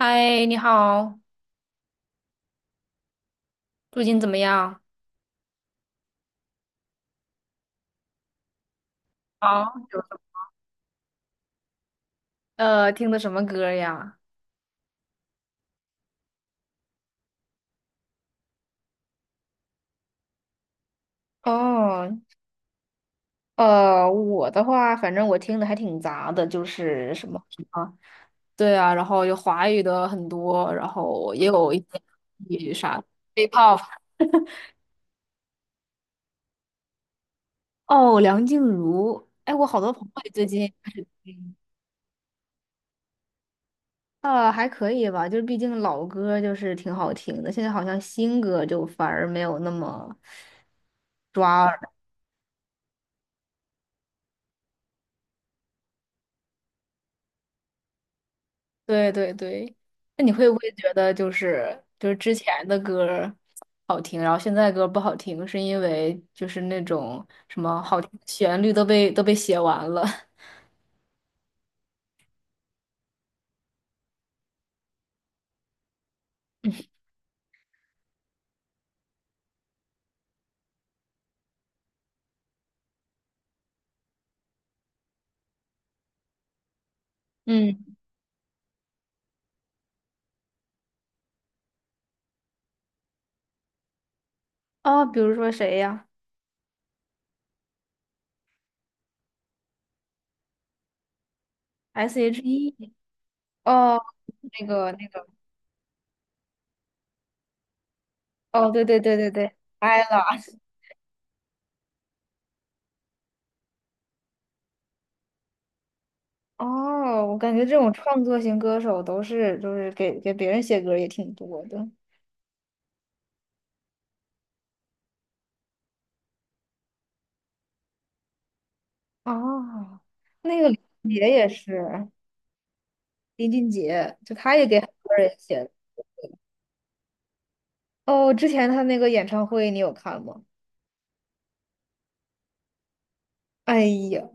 嗨，你好，最近怎么样？好，有什么听的什么歌呀？哦，我的话，反正我听的还挺杂的，就是什么，对啊，然后有华语的很多，然后也有一些粤语啥 K-pop。哦，梁静茹，哎，我好多朋友也最近，还可以吧，就是毕竟老歌就是挺好听的，现在好像新歌就反而没有那么抓耳。对对对，那你会不会觉得就是之前的歌儿好听，然后现在歌儿不好听，是因为就是那种什么好听的旋律都被写完了？嗯，啊，比如说谁呀？S.H.E。哦，那个那个，哦，对对对对对，ella。哦，我感觉这种创作型歌手都是就是给别人写歌儿也挺多的。哦，那个李俊杰也是，李俊杰就他也给很多人写的。哦，之前他那个演唱会你有看吗？哎呀，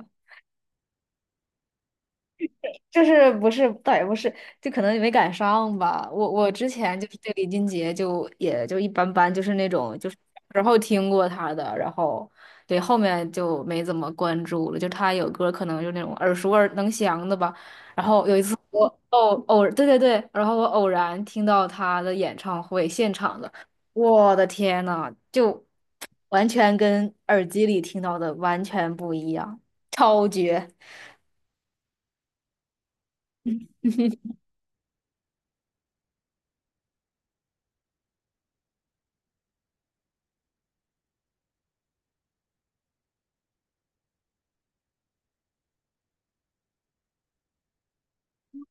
就是不是，倒也不是，就可能没赶上吧。我之前就是对李俊杰就也就一般般，就是那种就是然后听过他的，然后对后面就没怎么关注了。就他有歌可能就那种耳熟耳能详的吧。然后有一次我偶对对对，然后我偶然听到他的演唱会现场的，我的天呐，就完全跟耳机里听到的完全不一样，超绝！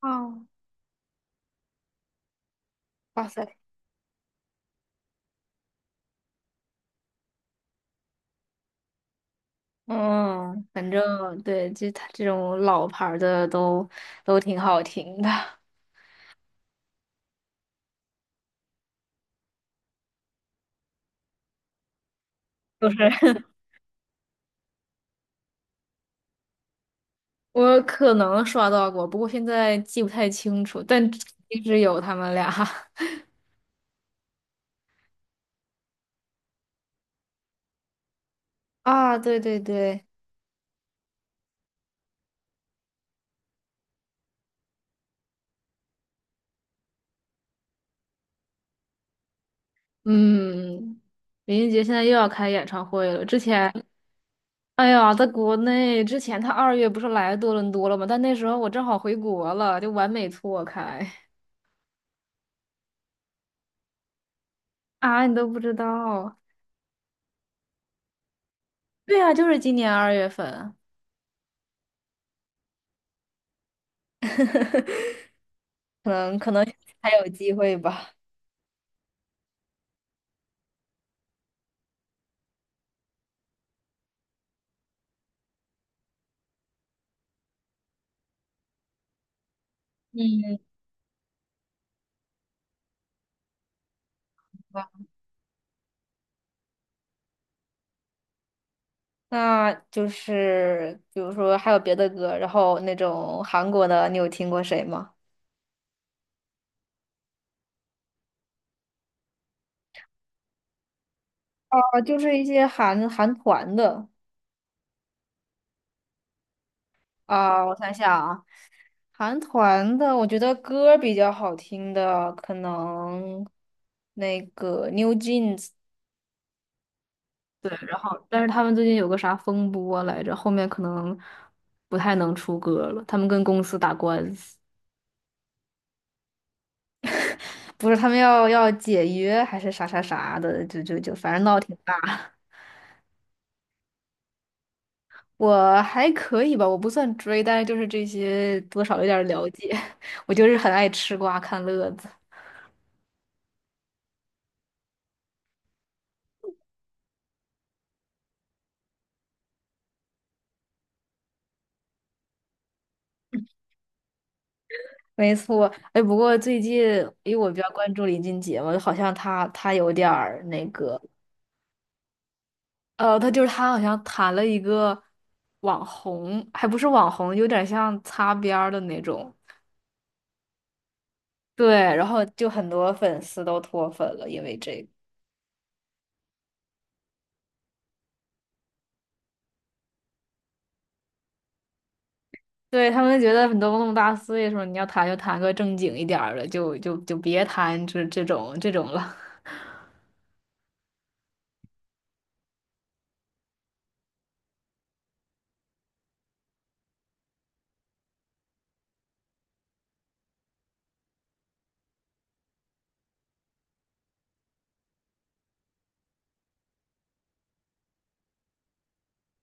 哦，哇塞！嗯，反正对，就他这种老牌儿的都挺好听的，就是 我可能刷到过，不过现在记不太清楚，但一直有他们俩 啊，对对对，嗯，林俊杰现在又要开演唱会了，之前，哎呀，在国内之前他二月不是来多伦多了吗？但那时候我正好回国了，就完美错开 啊，你都不知道，对啊，就是今年2月份。可能还有机会吧。嗯，那就是比如说还有别的歌，然后那种韩国的，你有听过谁吗？啊，就是一些韩团的啊，我想想啊，韩团的，我觉得歌比较好听的，可能那个 New Jeans，对，然后但是他们最近有个啥风波来着，后面可能不太能出歌了，他们跟公司打官司。不是他们要解约还是啥啥啥的，就反正闹挺大。我还可以吧，我不算追，但是就是这些多少有点儿了解。我就是很爱吃瓜看乐子。没错，哎，不过最近因为我比较关注林俊杰嘛，好像他有点儿那个，他就是他好像谈了一个网红，还不是网红，有点像擦边儿的那种。对，然后就很多粉丝都脱粉了，因为这个。对，他们觉得你都那么大岁数，你要谈就谈个正经一点儿的，就别谈这种了。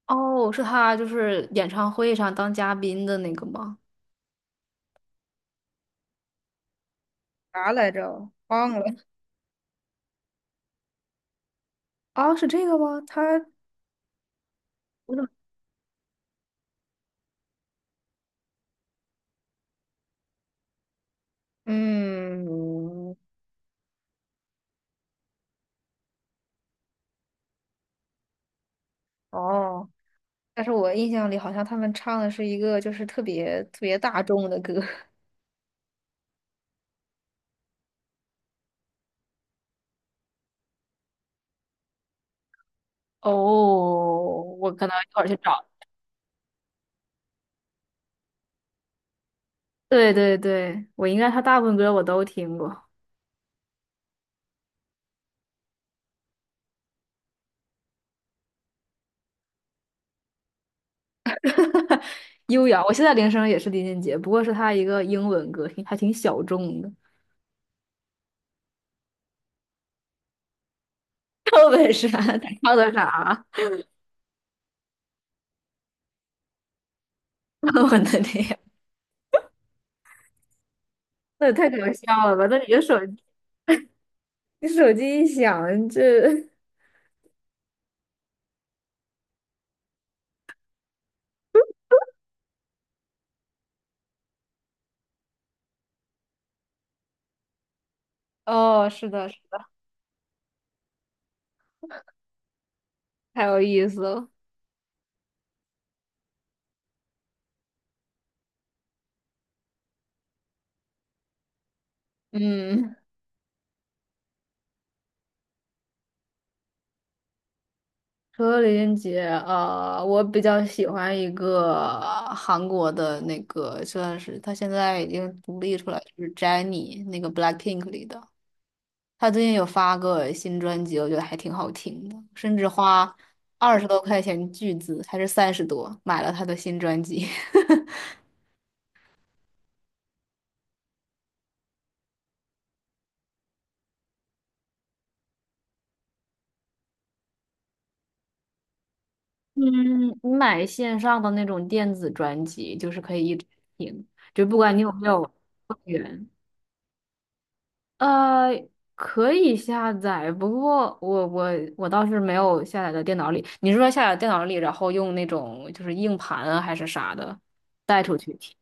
哦，是他就是演唱会上当嘉宾的那个吗？啥来着？忘了。啊，是这个吗？他，我怎么？嗯，哦，但是我印象里好像他们唱的是一个就是特别特别大众的歌。哦，我可能一会儿去找。对对对，我应该他大部分歌我都听过。哈哈，优雅，我现在铃声也是林俊杰，不过是他一个英文歌，挺还挺小众的。赵本山他唱的啥啊？我的天，那也太搞笑了吧！那你的手，你手机一响，这 哦，是的，是的，太有意思了。嗯，除了林俊杰，我比较喜欢一个韩国的那个，算是他现在已经独立出来，就是 Jennie 那个 BLACKPINK 里的。他最近有发个新专辑，我觉得还挺好听的，甚至花20多块钱巨资，还是30多买了他的新专辑。嗯，你买线上的那种电子专辑，就是可以一直听，就不管你有没有会员。呃，可以下载，不过我倒是没有下载到电脑里。你是说下载电脑里，然后用那种就是硬盘啊还是啥的带出去听？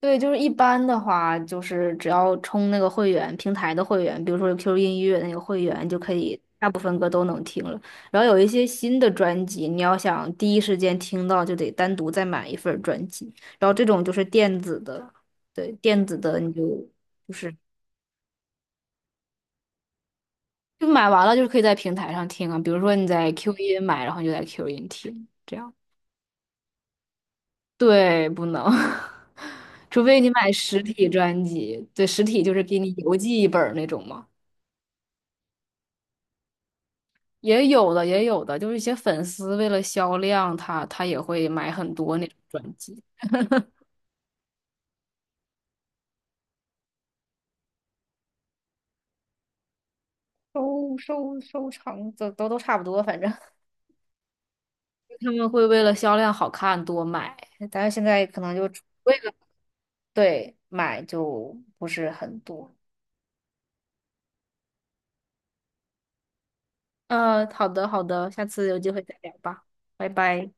对，就是一般的话，就是只要充那个会员，平台的会员，比如说 QQ 音乐那个会员，就可以大部分歌都能听了。然后有一些新的专辑，你要想第一时间听到，就得单独再买一份儿专辑。然后这种就是电子的，对，电子的你就就是就买完了，就是可以在平台上听啊。比如说你在 Q 音买，然后你就在 Q 音听，这样。对，不能，除非你买实体专辑，对，实体就是给你邮寄一本儿那种嘛。也有的，也有的，就是一些粉丝为了销量，他也会买很多那种专辑，收藏，都差不多，反正。他们会为了销量好看多买。但是现在可能就出为了对买就不是很多。好的好的，下次有机会再聊吧，拜拜。